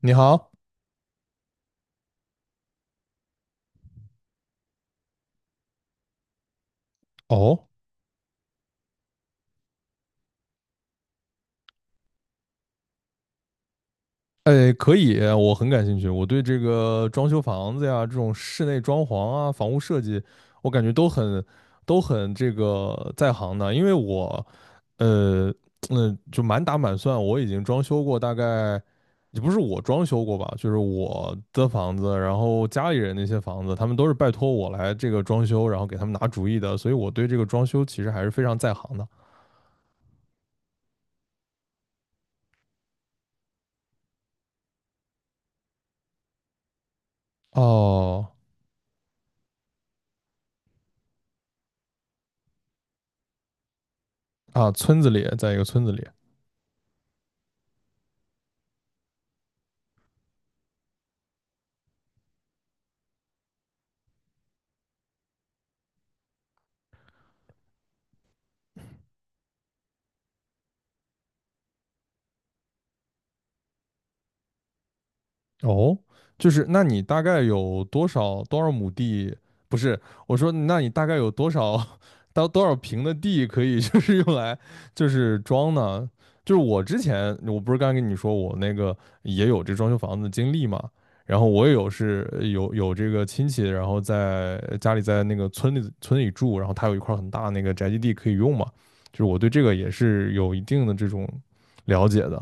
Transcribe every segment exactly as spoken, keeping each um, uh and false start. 你好，哦，哎，可以，我很感兴趣。我对这个装修房子呀，这种室内装潢啊，房屋设计，我感觉都很都很这个在行的。因为我，呃，嗯，就满打满算，我已经装修过大概，也不是我装修过吧，就是我的房子，然后家里人那些房子，他们都是拜托我来这个装修，然后给他们拿主意的，所以我对这个装修其实还是非常在行的。哦。啊，村子里，在一个村子里。哦，就是那你大概有多少多少亩地？不是，我说那你大概有多少 到多少平的地可以 就是用来就是装呢？就是我之前我不是刚跟你说我那个也有这装修房子的经历嘛，然后我也有是有有这个亲戚，然后在家里在那个村里村里住，然后他有一块很大那个宅基地可以用嘛，就是我对这个也是有一定的这种了解的。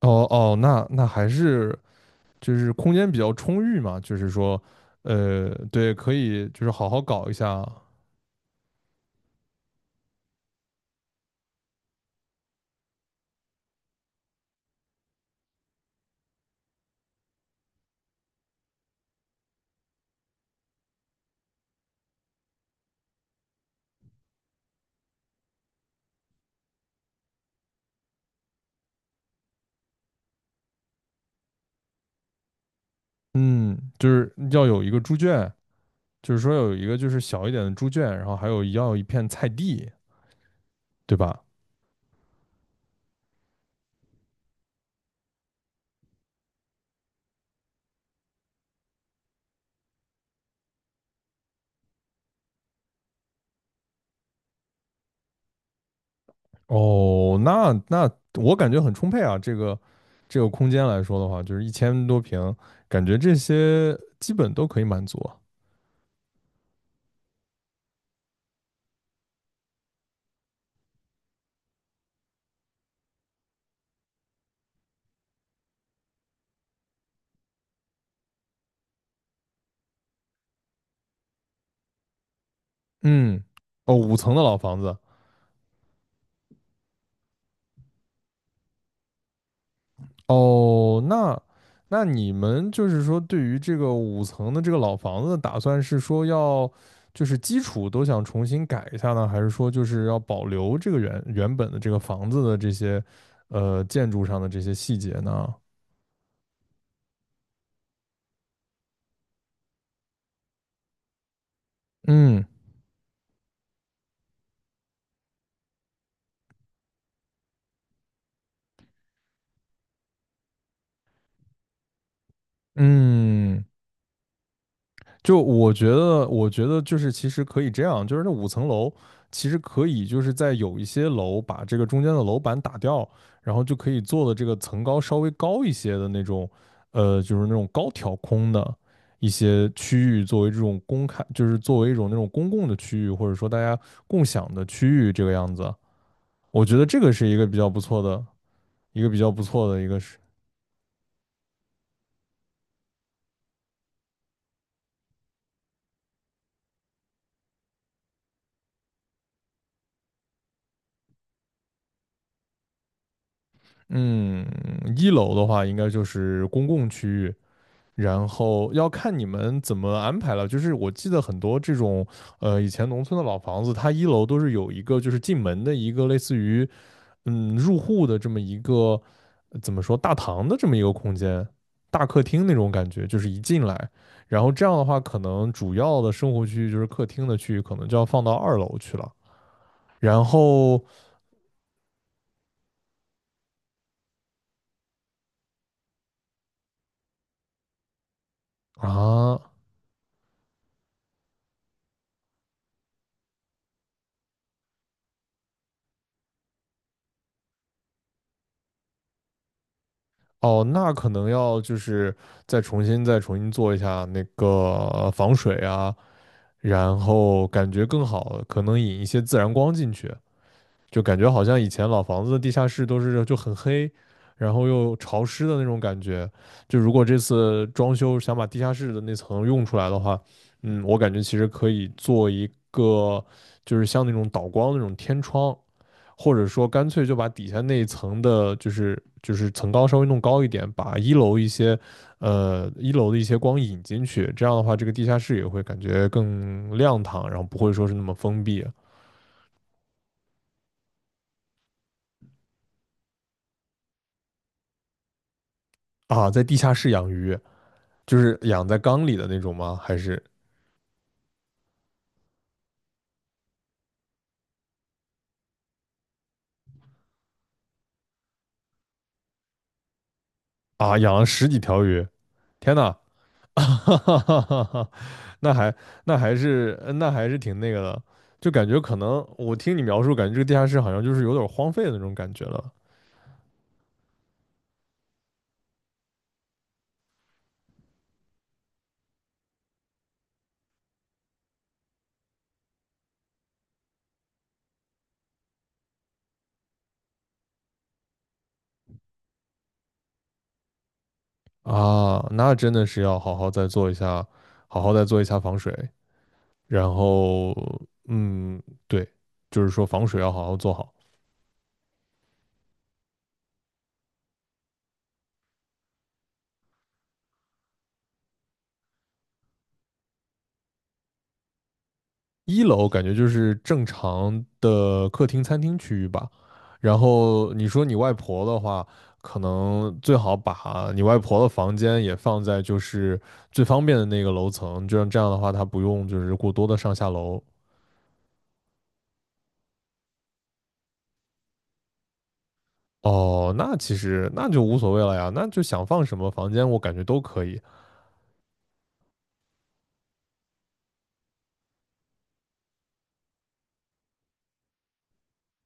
哦哦，那那还是就是空间比较充裕嘛，就是说，呃，对，可以就是好好搞一下。嗯，就是要有一个猪圈，就是说有一个就是小一点的猪圈，然后还有要一片菜地，对吧？哦，那那我感觉很充沛啊，这个这个空间来说的话，就是一千多平，感觉这些基本都可以满足啊。嗯，哦，五层的老房子。哦，那那你们就是说，对于这个五层的这个老房子打算是说要，就是基础都想重新改一下呢，还是说就是要保留这个原原本的这个房子的这些，呃，建筑上的这些细节呢？嗯嗯。就我觉得，我觉得就是其实可以这样，就是那五层楼其实可以就是在有一些楼把这个中间的楼板打掉，然后就可以做的这个层高稍微高一些的那种，呃，就是那种高挑空的一些区域作为这种公开，就是作为一种那种公共的区域，或者说大家共享的区域这个样子。我觉得这个是一个比较不错的。一个比较不错的一个是，嗯，一楼的话应该就是公共区域。然后要看你们怎么安排了。就是我记得很多这种，呃，以前农村的老房子，它一楼都是有一个就是进门的一个类似于嗯入户的这么一个呃怎么说大堂的这么一个空间，大客厅那种感觉，就是一进来，然后这样的话，可能主要的生活区域就是客厅的区域，可能就要放到二楼去了。然后啊。哦，那可能要就是再重新再重新做一下那个防水啊，然后感觉更好，可能引一些自然光进去，就感觉好像以前老房子的地下室都是就很黑，然后又潮湿的那种感觉。就如果这次装修想把地下室的那层用出来的话，嗯，我感觉其实可以做一个就是像那种导光那种天窗，或者说干脆就把底下那一层的，就是就是层高稍微弄高一点，把一楼一些，呃，一楼的一些光引进去，这样的话，这个地下室也会感觉更亮堂，然后不会说是那么封闭啊。在地下室养鱼，就是养在缸里的那种吗？还是啊，养了十几条鱼？天呐。那还那还是那还是挺那个的，就感觉可能我听你描述，感觉这个地下室好像就是有点荒废的那种感觉了。啊，那真的是要好好再做一下，好好再做一下防水。然后，嗯，对，就是说防水要好好做好。一楼感觉就是正常的客厅、餐厅区域吧。然后你说你外婆的话，可能最好把你外婆的房间也放在就是最方便的那个楼层，就像这样的话，她不用就是过多的上下楼。哦，那其实那就无所谓了呀，那就想放什么房间，我感觉都可以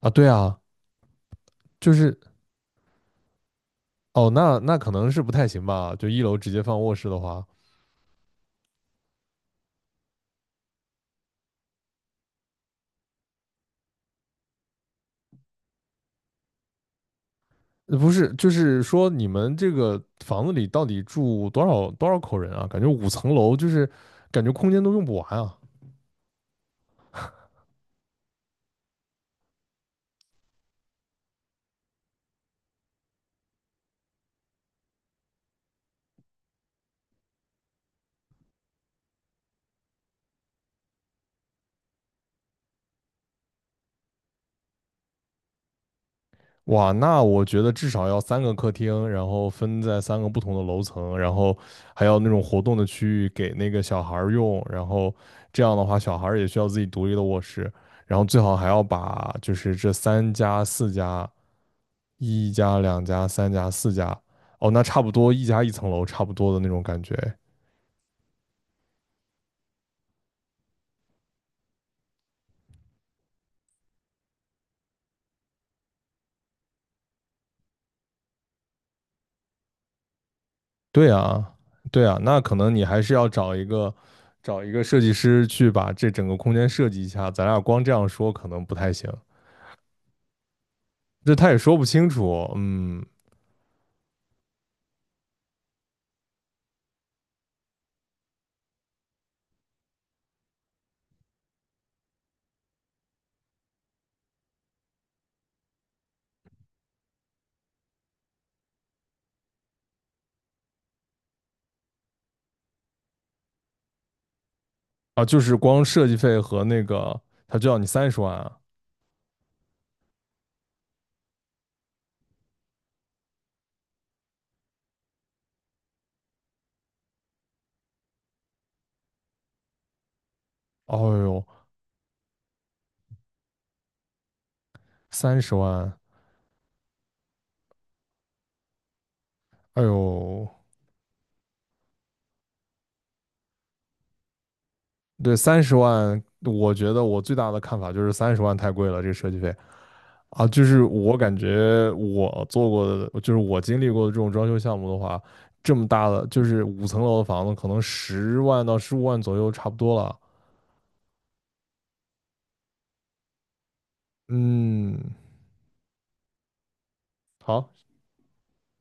啊。对啊。就是哦，那那可能是不太行吧？就一楼直接放卧室的话，呃不是，就是说你们这个房子里到底住多少多少口人啊？感觉五层楼就是感觉空间都用不完啊！哇，那我觉得至少要三个客厅，然后分在三个不同的楼层，然后还要那种活动的区域给那个小孩儿用，然后这样的话，小孩儿也需要自己独立的卧室。然后最好还要把就是这三家四家一家、两家、三家、四家，哦，那差不多一家一层楼，差不多的那种感觉。对啊，对啊，那可能你还是要找一个找一个设计师去把这整个空间设计一下。咱俩光这样说可能不太行，这他也说不清楚。嗯。啊，就是光设计费和那个，他就要你三十万啊。哦呦，三十万。哎呦，对，三十万，我觉得我最大的看法就是三十万太贵了，这个设计费。啊，就是我感觉我做过的，就是我经历过的这种装修项目的话，这么大的就是五层楼的房子，可能十万到十五万左右差不多了。嗯，好。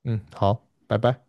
嗯，好，拜拜。